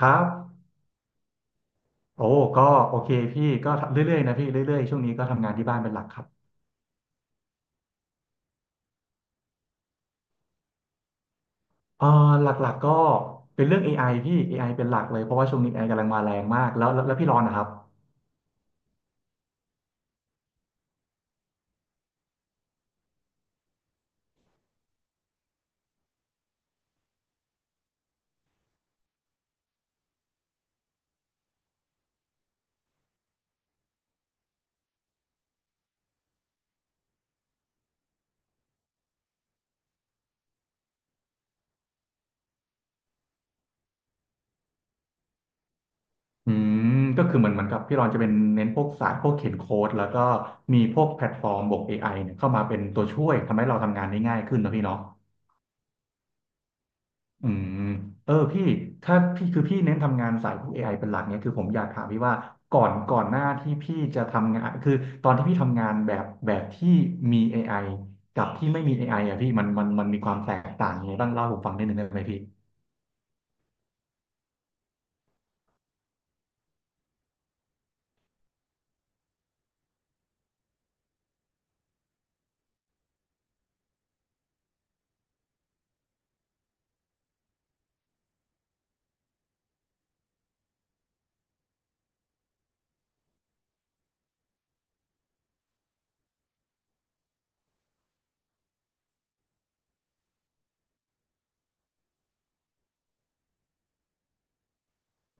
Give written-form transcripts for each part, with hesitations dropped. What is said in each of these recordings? ครับโอ้ก็โอเคพี่ก็เรื่อยๆนะพี่ เรื่อยๆช่วงนี้ก็ทำงานที่บ้านเป็นหลักครับเออหลักๆก็เป็นเรื่อง AI พี่ AI เป็นหลักเลยเพราะว่าช่วงนี้ AI กำลังมาแรงมากแล้วพี่รอนนะครับอืก็คือเหมือนกับพี่รอนจะเป็นเน้นพวกสายพวกเขียนโค้ดแล้วก็มีพวกแพลตฟอร์มบวก AI เนี่ยเข้ามาเป็นตัวช่วยทำให้เราทำงานได้ง่ายขึ้นนะพี่เนาะ อืมเออพี่ถ้าพี่คือพี่เน้นทำงานสายพวก AI เป็นหลักเนี่ยคือผมอยากถามพี่ว่าก่อนหน้าที่พี่จะทำงานคือตอนที่พี่ทำงานแบบที่มี AI กับที่ไม่มี AI อไออ่ะพี่มันมีความแตกต่างยังไงบ้างเล่าให้ผมฟังนิดหนึ่งได้ไหมพี่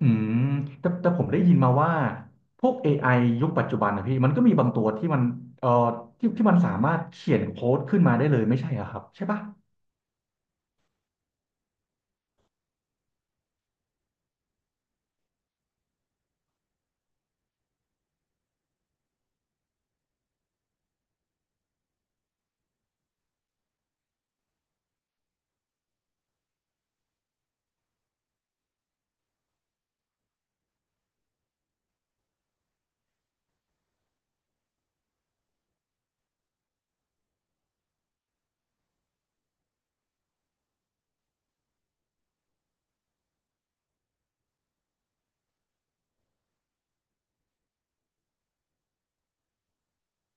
อืมแต่ผมได้ยินมาว่าพวก a อไอยุคปัจจุบันนะพี่มันก็มีบางตัวที่มันเอ่อที่มันสามารถเขียนโค้ดขึ้นมาได้เลยไม่ใช่เหรอครับใช่ปะ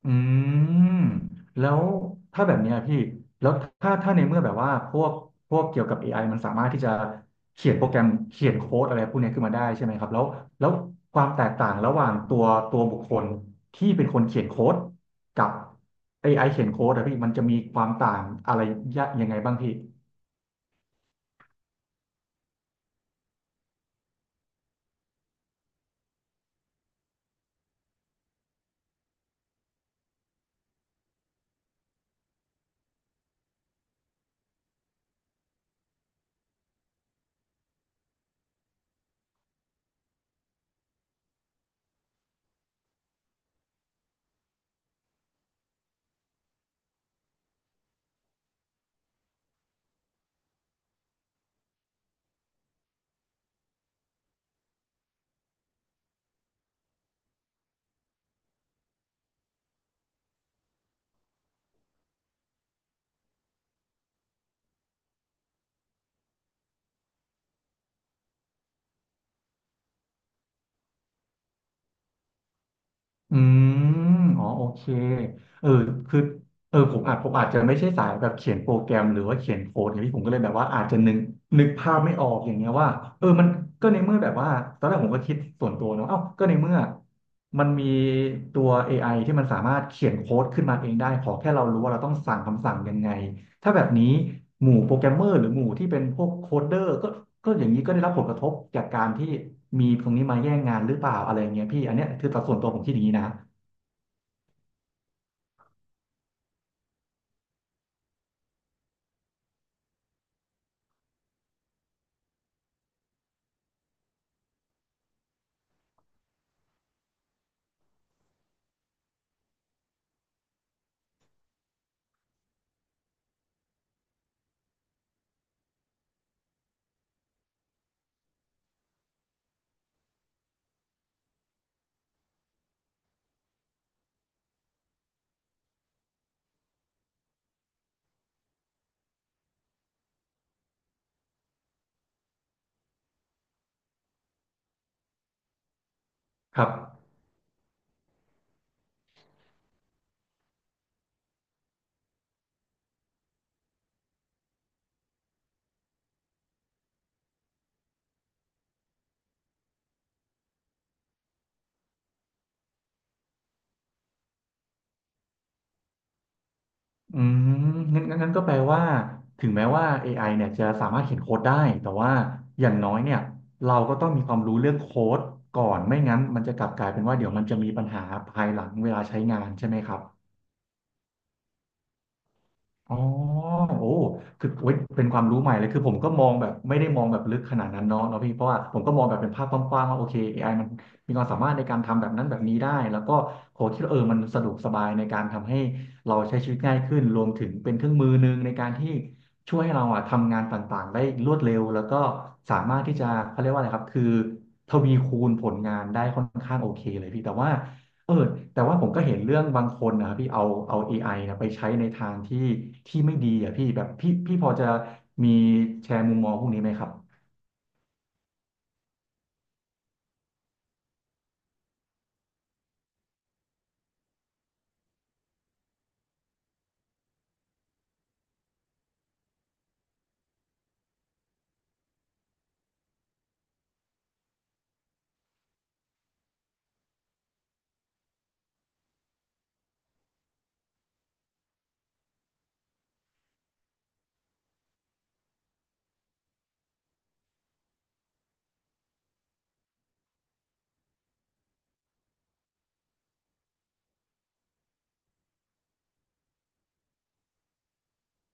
อืมแล้วถ้าแบบเนี้ยพี่แล้วถ้าในเมื่อแบบว่าพวกเกี่ยวกับ AI มันสามารถที่จะเขียนโปรแกรมเขียนโค้ดอะไรพวกเนี้ยขึ้นมาได้ใช่ไหมครับแล้วแล้วความแตกต่างระหว่างตัวบุคคลที่เป็นคนเขียนโค้ดกับ AI เขียนโค้ดอะพี่มันจะมีความต่างอะไรยังไงบ้างพี่ อืมอ๋อโอเคเออคือเออผมอาจจะไม่ใช่สายแบบเขียนโปรแกรมหรือว่าเขียนโค้ดอย่างนี้ผมก็เลยแบบว่าอาจจะนึกภาพไม่ออกอย่างเงี้ยว่ามันก็ในเมื่อแบบว่าตอนแรกผมก็คิดส่วนตัวเนาะเอ้าก็ในเมื่อมันมีตัว AI ที่มันสามารถเขียนโค้ดขึ้นมาเองได้ ขอแค่เรารู้ว่าเราต้องสั่งคำสั่งยังไง ถ้าแบบนี้หมู่โปรแกรมเมอร์หรือหมู่ที่เป็นพวกโคดเดอร์ก็อย่างนี้ก็ได้รับผลกระทบจากการที่มีตรงนี้มาแย่งงานหรือเปล่าอะไรอย่างเงี้ยพี่อันเนี้ยคือตัดส่วนตัวผมคิดอย่างนี้นะครับอืงั้นก็แปลว่าถึงแม้ว่าเอไอเนี่ยจะสามารถเขียนโค้ดได้แต่ว่าอย่างน้อยเนี่ยเราก็ต้องมีความรู้เรื่องโค้ดก่อนไม่งั้นมันจะกลับกลายเป็นว่าเดี๋ยวมันจะมีปัญหาภายหลังเวลาใช้งานใช่ไหมครับ อ๋อโอ้คือโอ้ยเป็นความรู้ใหม่เลยคือผมก็มองแบบไม่ได้มองแบบลึกขนาดนั้นเนาะพี่เพราะว่าผมก็มองแบบเป็นภาพกว้างๆว่าโอเคเอไอมันมีความสามารถในการทำแบบนั้นแบบนี้ได้แล้วก็โหคิดว่าเออมันสะดวกสบายในการทำให้เราใช้ชีวิตง่ายขึ้นรวมถึงเป็นเครื่องมือหนึ่งในการที่ช่วยให้เราอะทำงานต่างๆได้รวดเร็วแล้วก็สามารถที่จะเขาเรียกว่าอะไรครับคือทวีคูณผลงานได้ค่อนข้างโอเคเลยพี่แต่ว่า เออแต่ว่าผมก็เห็นเรื่องบางคนนะครับพี่เอา AI นะไปใช้ในทางที่ที่ไม่ดีอ่ะพี่แบบพี่พอจะมีแชร์มุมมองพวกนี้ไหมครับ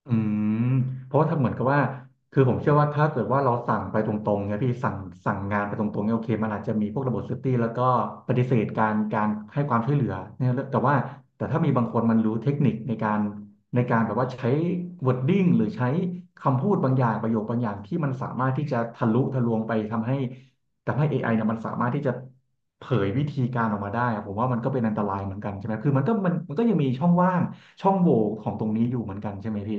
อืมเพราะว่าถ้าเหมือนกับว่าคือผมเชื่อว่าถ้าเกิดว่าเราสั่งไปตรงๆเนี่ยพี่สั่งงานไปตรงๆเนี่ยโอเคมันอาจจะมีพวกระบบเซฟตี้แล้วก็ปฏิเสธการให้ความช่วยเหลือเนี่ยแต่ว่าแต่ถ้ามีบางคนมันรู้เทคนิคในการแบบว่าใช้ wording หรือใช้คำพูดบางอย่างประโยคบางอย่างที่มันสามารถที่จะทะลุทะลวงไปทำให้เอไอเนี่ยมันสามารถที่จะเผยวิธีการออกมาได้อะผมว่ามันก็เป็นอันตรายเหมือนกันใช่ไหมคือมันก็มันก็ยังมีช่องว่างช่องโหว่ของตรงนี้อยู่เหมือนกันใช่ไหมพี่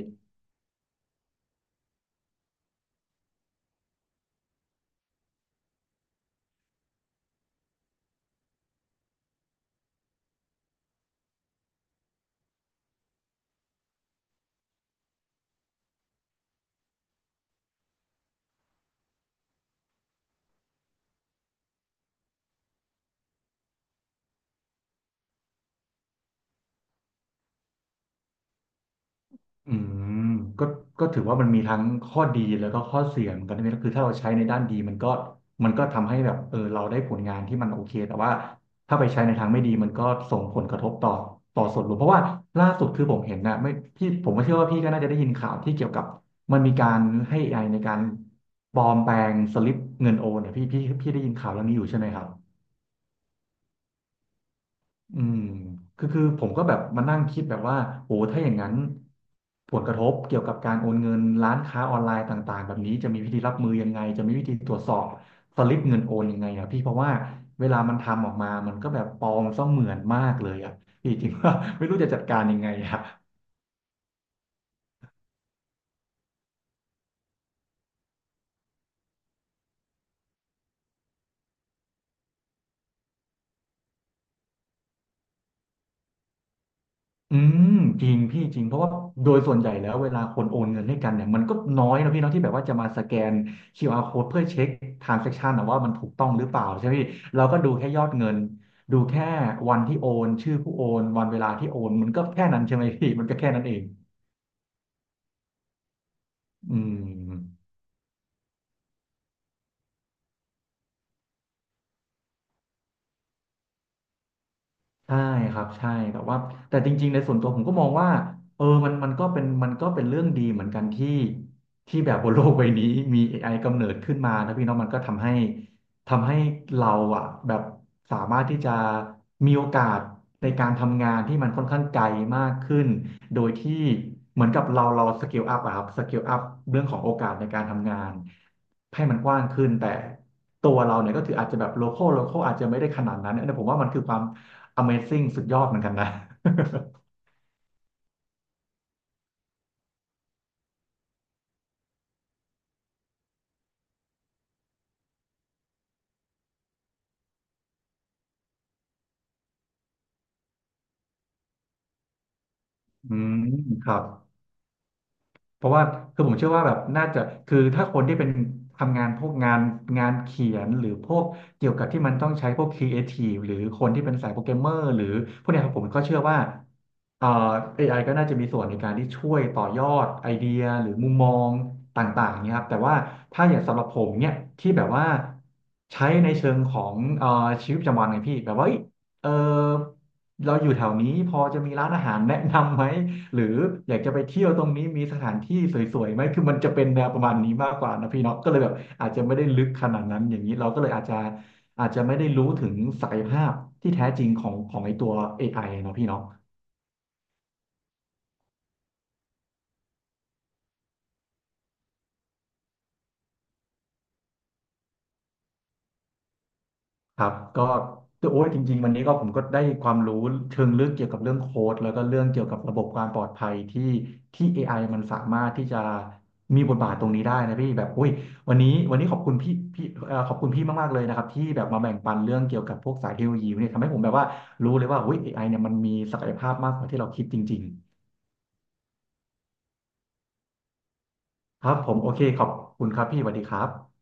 อืมก็ก็ถือว่ามันมีทั้งข้อดีแล้วก็ข้อเสียเหมือนกันนะคือถ้าเราใช้ในด้านดีมันก็ทำให้แบบเออเราได้ผลงานที่มันโอเคแต่ว่าถ้าไปใช้ในทางไม่ดีมันก็ส่งผลกระทบต่อส่วนรวมเพราะว่าล่าสุดคือผมเห็นนะไม่พี่ผมก็เชื่อว่าพี่ก็น่าจะได้ยินข่าวที่เกี่ยวกับมันมีการให้ AI ในการปลอมแปลงสลิปเงินโอนเนี่ยพี่ได้ยินข่าวเรื่องนี้อยู่ใช่ไหมครับ อืมคือผมก็แบบมานั่งคิดแบบว่าโอ้ถ้าอย่างนั้นผลกระทบเกี่ยวกับการโอนเงินร้านค้าออนไลน์ต่างๆแบบนี้จะมีวิธีรับมือยังไงจะมีวิธีตรวจสอบสลิปเงินโอนยังไงอ่ะพี่เพราะว่าเวลามันทำออกมามันก็แบบปลอมเสมือนมากเลยอ่ะพี่ จริงว่า ไม่รู้จะจัดการยังไงอ่ะ อืมจริงพี่จริงเพราะว่าโดยส่วนใหญ่แล้วเวลาคนโอนเงินให้กันเนี่ยมันก็น้อยนะพี่เนาะที่แบบว่าจะมาสแกนคิวอาร์ code เพื่อเช็ค transaction นะว่ามันถูกต้องหรือเปล่าใช่ไหมพี่เราก็ดูแค่ยอดเงินดูแค่วันที่โอนชื่อผู้โอนวันเวลาที่โอนมันก็แค่นั้นใช่ไหมพี่มันก็แค่นั้นเองอืม ใช่ครับใช่แต่ว่าแต่จริงๆในส่วนตัวผมก็มองว่ามันก็เป็นเรื่องดีเหมือนกันที่ที่แบบบนโลกใบนี้มี AI กำเนิดขึ้นมานะพี่เน้องมันก็ทำให้เราอ่ะแบบสามารถที่จะมีโอกาสในการทำงานที่มันค่อนข้างไกลมากขึ้นโดยที่เหมือนกับเราสเกลอัพอะครับสเกลอัพเรื่องของโอกาสในการทำงานให้มันกว้างขึ้นแต่ตัวเราเนี่ยก็คืออาจจะแบบโลคอลอาจจะไม่ได้ขนาดนั้นอันนี้ผมว่ามันคือความ Amazing สุดยอดเหมือนกันนะ อืมครับ เพราะว่าคือผมเชื่อว่าแบบน่าจะคือถ้าคนที่เป็นทำงานพวกงานเขียนหรือพวกเกี่ยวกับที่มันต้องใช้พวกครีเอทีฟหรือคนที่เป็นสายโปรแกรมเมอร์หรือพวกเนี้ยครับผมก็เชื่อว่าเอ่อเอไอก็น่าจะมีส่วนในการที่ช่วยต่อยอดไอเดียหรือมุมมองต่างๆเนี่ยครับแต่ว่าถ้าอย่างสำหรับผมเนี่ยที่แบบว่าใช้ในเชิงของชีวิตประจำวันไงพี่แบบว่าเอ้ยเออเราอยู่แถวนี้พอจะมีร้านอาหารแนะนำไหม หรืออยากจะไปเที่ยวตรงนี้มีสถานที่สวยๆไหมคือมันจะเป็นแนวประมาณนี้มากกว่านะพี่เนาะก็เลยแบบอาจจะไม่ได้ลึกขนาดนั้นอย่างนี้เราก็เลยอาจจะอาจจะไม่ได้รู้ถึงศักยภาพที่แท้จริงของของไอตัว AI เนาะพี่เนาะ ครับก็โอ้ยจริงๆวันนี้ก็ผมก็ได้ความรู้เชิงลึกเกี่ยวกับเรื่องโค้ดแล้วก็เรื่องเกี่ยวกับระบบความปลอดภัยที่ AI มันสามารถที่จะมีบทบาทตรงนี้ได้นะพี่แบบโอ้ยวันนี้ขอบคุณพี่ขอบคุณพี่มากๆเลยนะครับที่แบบมาแบ่งปันเรื่องเกี่ยวกับพวกสายเทคโนโลยีเนี่ยทำให้ผมแบบว่ารู้เลยว่าเฮ้ยเอไอเนี่ยมันมีศักยภาพมากกว่าที่เราคิดจริงๆครับผมโอเคขอบคุณครับพี่สวัสดีครับ